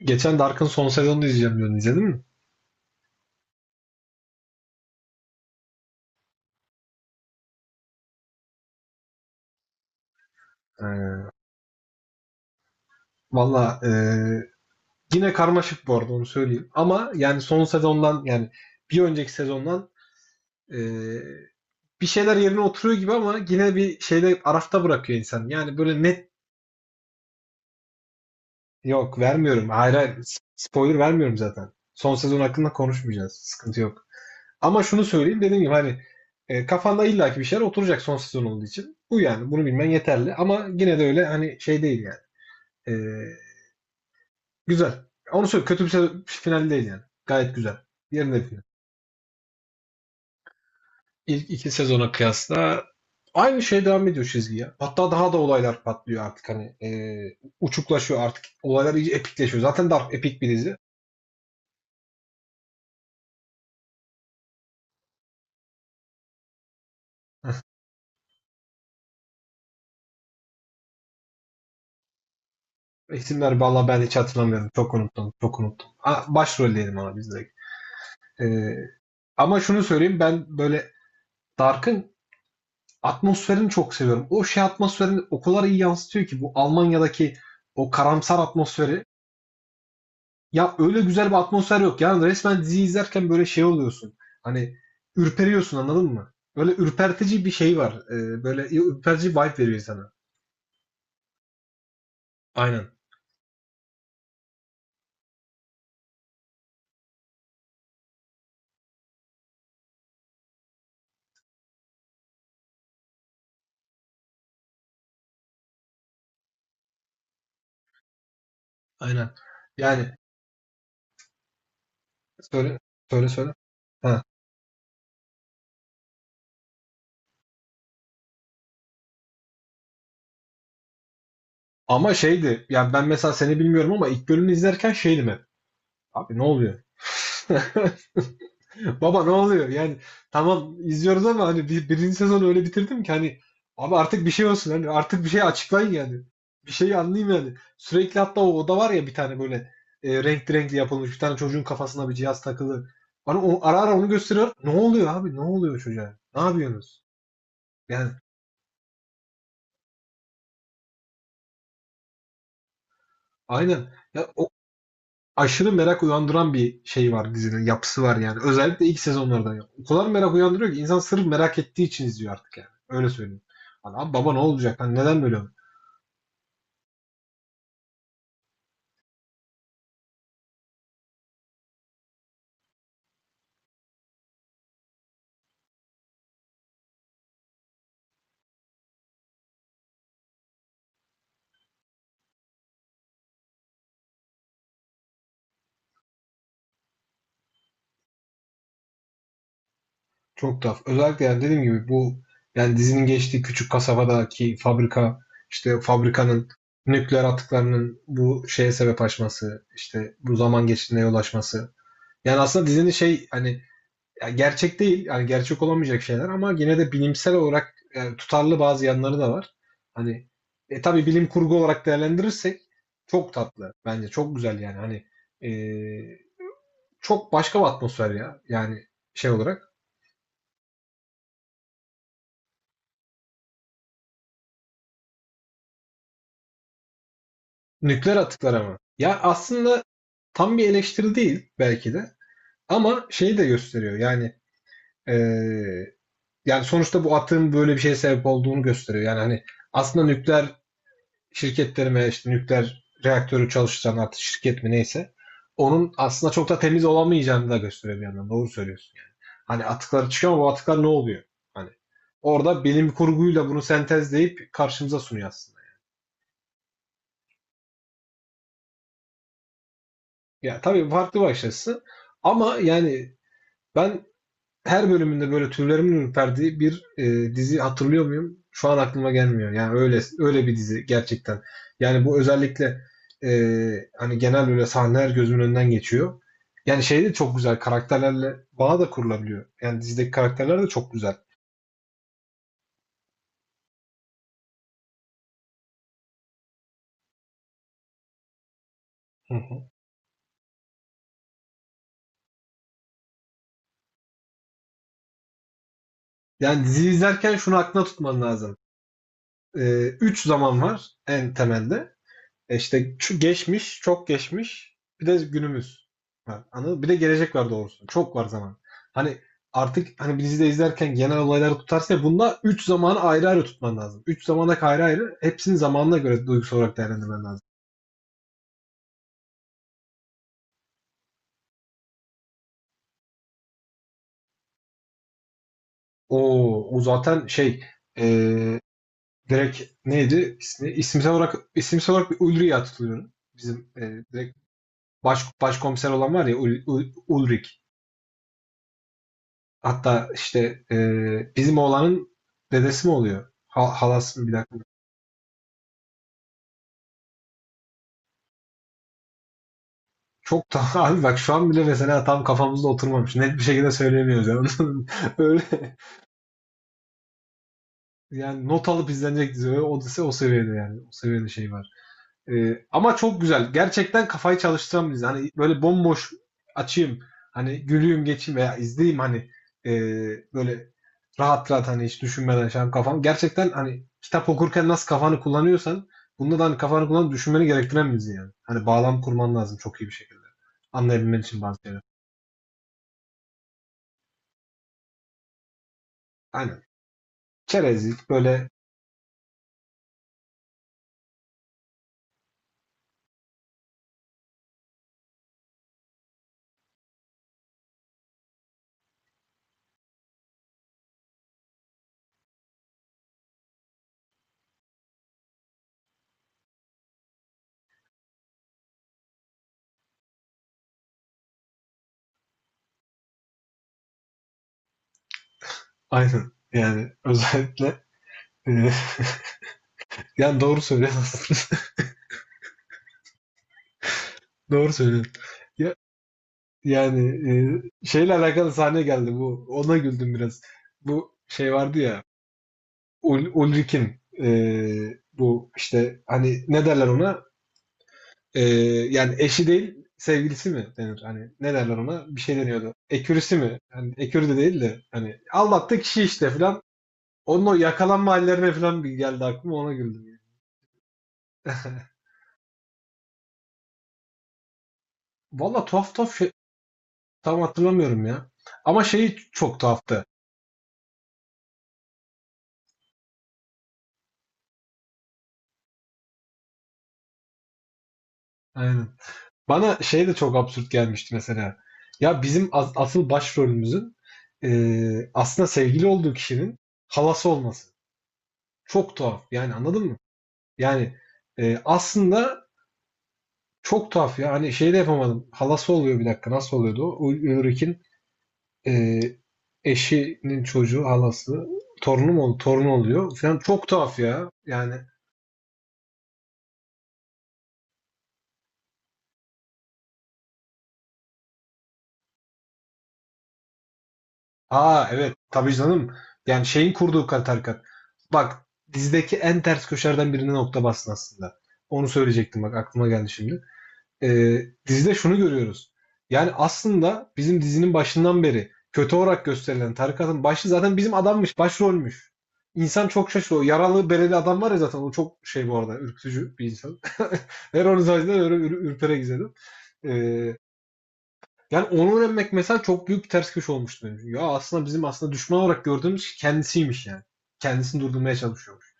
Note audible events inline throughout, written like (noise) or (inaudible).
Geçen Dark'ın son sezonunu izleyeceğim diyordun. İzledin mi? Ee, Valla, yine karmaşık bu arada onu söyleyeyim. Ama yani son sezondan yani bir önceki sezondan e, bir şeyler yerine oturuyor gibi ama yine bir şeyde arafta bırakıyor insan. Yani böyle net yok vermiyorum. Hayır, hayır, spoiler vermiyorum zaten. Son sezon hakkında konuşmayacağız. Sıkıntı yok. Ama şunu söyleyeyim dediğim gibi hani kafanda illaki bir şeyler oturacak son sezon olduğu için. Bu yani bunu bilmen yeterli. Ama yine de öyle hani şey değil yani. E, Güzel. Onu söyle final değil yani. Gayet güzel. Yerinde bir final. İlk iki sezona kıyasla aynı şey devam ediyor çizgi ya. Hatta daha da olaylar patlıyor artık hani uçuklaşıyor artık. Olaylar iyice epikleşiyor. Zaten Dark epik bir dizi. (laughs) İsimler valla ben hiç hatırlamıyorum. Çok unuttum. Çok unuttum. Ha, başrol diyelim ona biz direkt. E, ama şunu söyleyeyim ben böyle Dark'ın atmosferini çok seviyorum. O şey atmosferini o kadar iyi yansıtıyor ki bu Almanya'daki o karamsar atmosferi. Ya öyle güzel bir atmosfer yok. Yani resmen dizi izlerken böyle şey oluyorsun. Hani ürperiyorsun anladın mı? Böyle ürpertici bir şey var. Böyle ürpertici vibe veriyor sana. Aynen. Aynen. Yani söyle, söyle, söyle. Ha. Ama şeydi. Yani ben mesela seni bilmiyorum ama ilk bölümü izlerken şeydim hep. Abi ne oluyor? (laughs) (laughs) Baba ne oluyor? Yani tamam izliyoruz ama hani birinci sezonu öyle bitirdim ki hani abi artık bir şey olsun hani artık bir şey açıklayın yani. Bir şeyi anlayayım yani. Sürekli hatta o oda var ya bir tane böyle renkli renkli yapılmış bir tane çocuğun kafasına bir cihaz takılı. Bana o, ara ara onu gösteriyor. Ne oluyor abi? Ne oluyor çocuğa? Ne yapıyorsunuz? Yani aynen. Ya, o aşırı merak uyandıran bir şey var dizinin yapısı var yani. Özellikle ilk sezonlardan. Ya. O kadar merak uyandırıyor ki insan sırf merak ettiği için izliyor artık yani. Öyle söyleyeyim. Hani abi baba ne olacak? Hani neden böyle? Çok tuhaf. Özellikle yani dediğim gibi bu yani dizinin geçtiği küçük kasabadaki fabrika işte fabrikanın nükleer atıklarının bu şeye sebep açması işte bu zaman geçtiğine yol açması. Yani aslında dizinin şey hani ya gerçek değil, yani gerçek olamayacak şeyler ama yine de bilimsel olarak tutarlı bazı yanları da var. Hani tabii bilim kurgu olarak değerlendirirsek çok tatlı bence çok güzel yani hani e, çok başka bir atmosfer ya yani şey olarak nükleer atıklar ama ya aslında tam bir eleştiri değil belki de ama şeyi de gösteriyor yani e, yani sonuçta bu atığın böyle bir şeye sebep olduğunu gösteriyor yani hani aslında nükleer şirketlerime işte nükleer reaktörü çalıştıran artık şirket mi neyse onun aslında çok da temiz olamayacağını da gösteriyor bir yandan. Doğru söylüyorsun. Hani atıkları çıkıyor ama bu atıklar ne oluyor? Hani orada bilim kurguyla bunu sentezleyip karşımıza sunuyor aslında. Ya tabii farklı bir açısı ama yani ben her bölümünde böyle tüylerimin ürperdiği bir dizi hatırlıyor muyum? Şu an aklıma gelmiyor. Yani öyle öyle bir dizi gerçekten. Yani bu özellikle e, hani genel böyle sahneler gözümün önünden geçiyor. Yani şey de çok güzel. Karakterlerle bağ da kurulabiliyor. Yani dizideki karakterler de çok güzel. Hı hı. Yani dizi izlerken şunu aklına tutman lazım. Üç zaman var en temelde. E işte şu geçmiş, çok geçmiş, bir de günümüz var. Anladın mı? Bir de gelecek var doğrusu. Çok var zaman. Hani artık hani bir dizide izlerken genel olayları tutarsa ya, bunda 3 zamanı ayrı ayrı tutman lazım. Üç zamana ayrı ayrı hepsinin zamanına göre duygusal olarak değerlendirmen lazım. Oo, o zaten şey e, direkt neydi ismi? İsimsel olarak bir Ulrich'e tutuluyorum. Bizim direkt baş, başkomiser olan var ya Ulrich. Hatta işte bizim oğlanın dedesi mi oluyor? Halası mı bir dakika. Çok da (laughs) abi bak şu an bile mesela tam kafamızda oturmamış. Net bir şekilde söyleyemiyoruz yani. (laughs) Öyle yani not alıp izlenecek dizi. Öyle, o, o seviyede yani. O seviyede şey var. Ama çok güzel. Gerçekten kafayı çalıştıran bir dizi. Hani böyle bomboş açayım. Hani gülüyüm geçeyim veya izleyeyim hani ee, böyle rahat rahat hani hiç düşünmeden şey yapayım kafam. Gerçekten hani kitap okurken nasıl kafanı kullanıyorsan bunda da hani kafanı kullanıp düşünmeni gerektiren bir dizi yani. Hani bağlam kurman lazım çok iyi bir şekilde. Anlayabilmen için bazı şeyler. Aynen. Çerezlik böyle aynen yani özellikle ee, (laughs) yani doğru söylüyorsun. (laughs) Doğru söylüyorsun. Ya yani, şeyle alakalı sahne geldi bu. Ona güldüm biraz. Bu şey vardı ya Ulrik'in bu işte hani ne derler ona? Yani eşi değil sevgilisi mi denir? Hani ne derler ona? Bir şey deniyordu. Ekürüsü mi? Hani ekürü de değil de hani aldattı kişi işte filan. Onun o yakalanma hallerine falan bir geldi aklıma ona güldüm. (laughs) Valla tuhaf tuhaf şey tam hatırlamıyorum ya. Ama şeyi çok tuhaftı. Aynen. Bana şey de çok absürt gelmişti mesela. Ya bizim asıl başrolümüzün aslında sevgili olduğu kişinin halası olması. Çok tuhaf. Yani anladın mı? Yani aslında çok tuhaf ya. Hani şey de yapamadım. Halası oluyor bir dakika. Nasıl oluyordu o? Ulrich'in eee, eşinin çocuğu halası. Torunu mu? Torunu oluyor. Falan çok tuhaf ya. Yani aa evet tabii canım. Yani şeyin kurduğu tarikat. Bak dizideki en ters köşelerden birine nokta bastın aslında. Onu söyleyecektim bak aklıma geldi şimdi. Ee, dizide şunu görüyoruz. Yani aslında bizim dizinin başından beri kötü olarak gösterilen tarikatın başı zaten bizim adammış, başrolmüş. İnsan çok şaşırıyor. Yaralı bereli adam var ya zaten o çok şey bu arada ürkütücü bir insan. (laughs) Her onun sayesinde öyle ürpere izledim. Ee, yani onu öğrenmek mesela çok büyük bir ters köşe olmuştu benim için. Ya aslında bizim düşman olarak gördüğümüz kendisiymiş yani. Kendisini durdurmaya çalışıyormuş.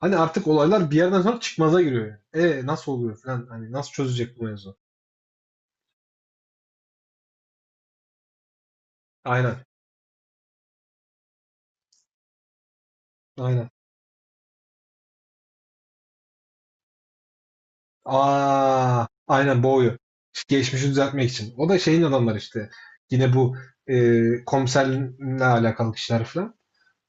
Hani artık olaylar bir yerden sonra çıkmaza giriyor yani. E nasıl oluyor falan hani nasıl çözecek bu mevzu? Aynen. Aynen. Aa, aynen boğuyor. Geçmişi düzeltmek için. O da şeyin adamları işte. Yine bu komiserle alakalı kişiler falan.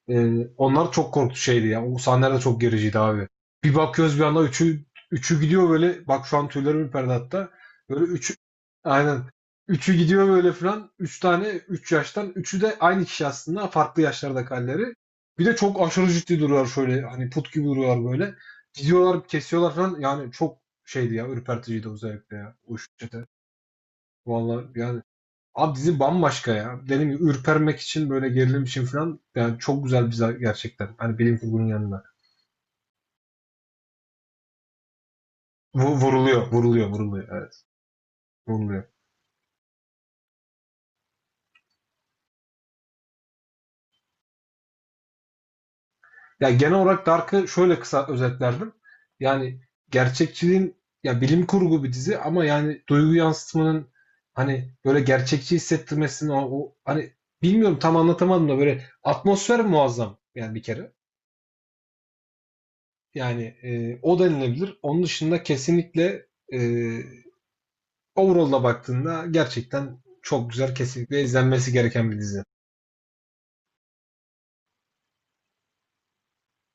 Onlar çok korktu şeydi ya. O sahneler de çok gericiydi abi. Bir bakıyoruz bir anda üçü gidiyor böyle. Bak şu an tüylerim ürperdi hatta. Böyle üçü aynen. Üçü gidiyor böyle falan. Üç tane üç yaştan. Üçü de aynı kişi aslında. Farklı yaşlarda kalleri. Bir de çok aşırı ciddi duruyorlar şöyle. Hani put gibi duruyorlar böyle. Gidiyorlar kesiyorlar falan. Yani çok şeydi ya. Ürperticiydi özellikle ya. O şişete. Vallahi yani abi dizi bambaşka ya. Dediğim gibi ürpermek için böyle gerilim için falan yani çok güzel bir gerçekten. Hani bilim kurgunun yanında. Vuruluyor, vuruluyor, vuruluyor. Evet, vuruluyor. Ya genel olarak Dark'ı şöyle kısa özetlerdim. Yani gerçekçiliğin ya bilim kurgu bir dizi ama yani duygu yansıtmanın hani böyle gerçekçi hissettirmesinin o, hani bilmiyorum tam anlatamadım da böyle atmosfer muazzam yani bir kere. Yani o denilebilir. Onun dışında kesinlikle e, Overall'a baktığında gerçekten çok güzel, kesinlikle izlenmesi gereken bir dizi.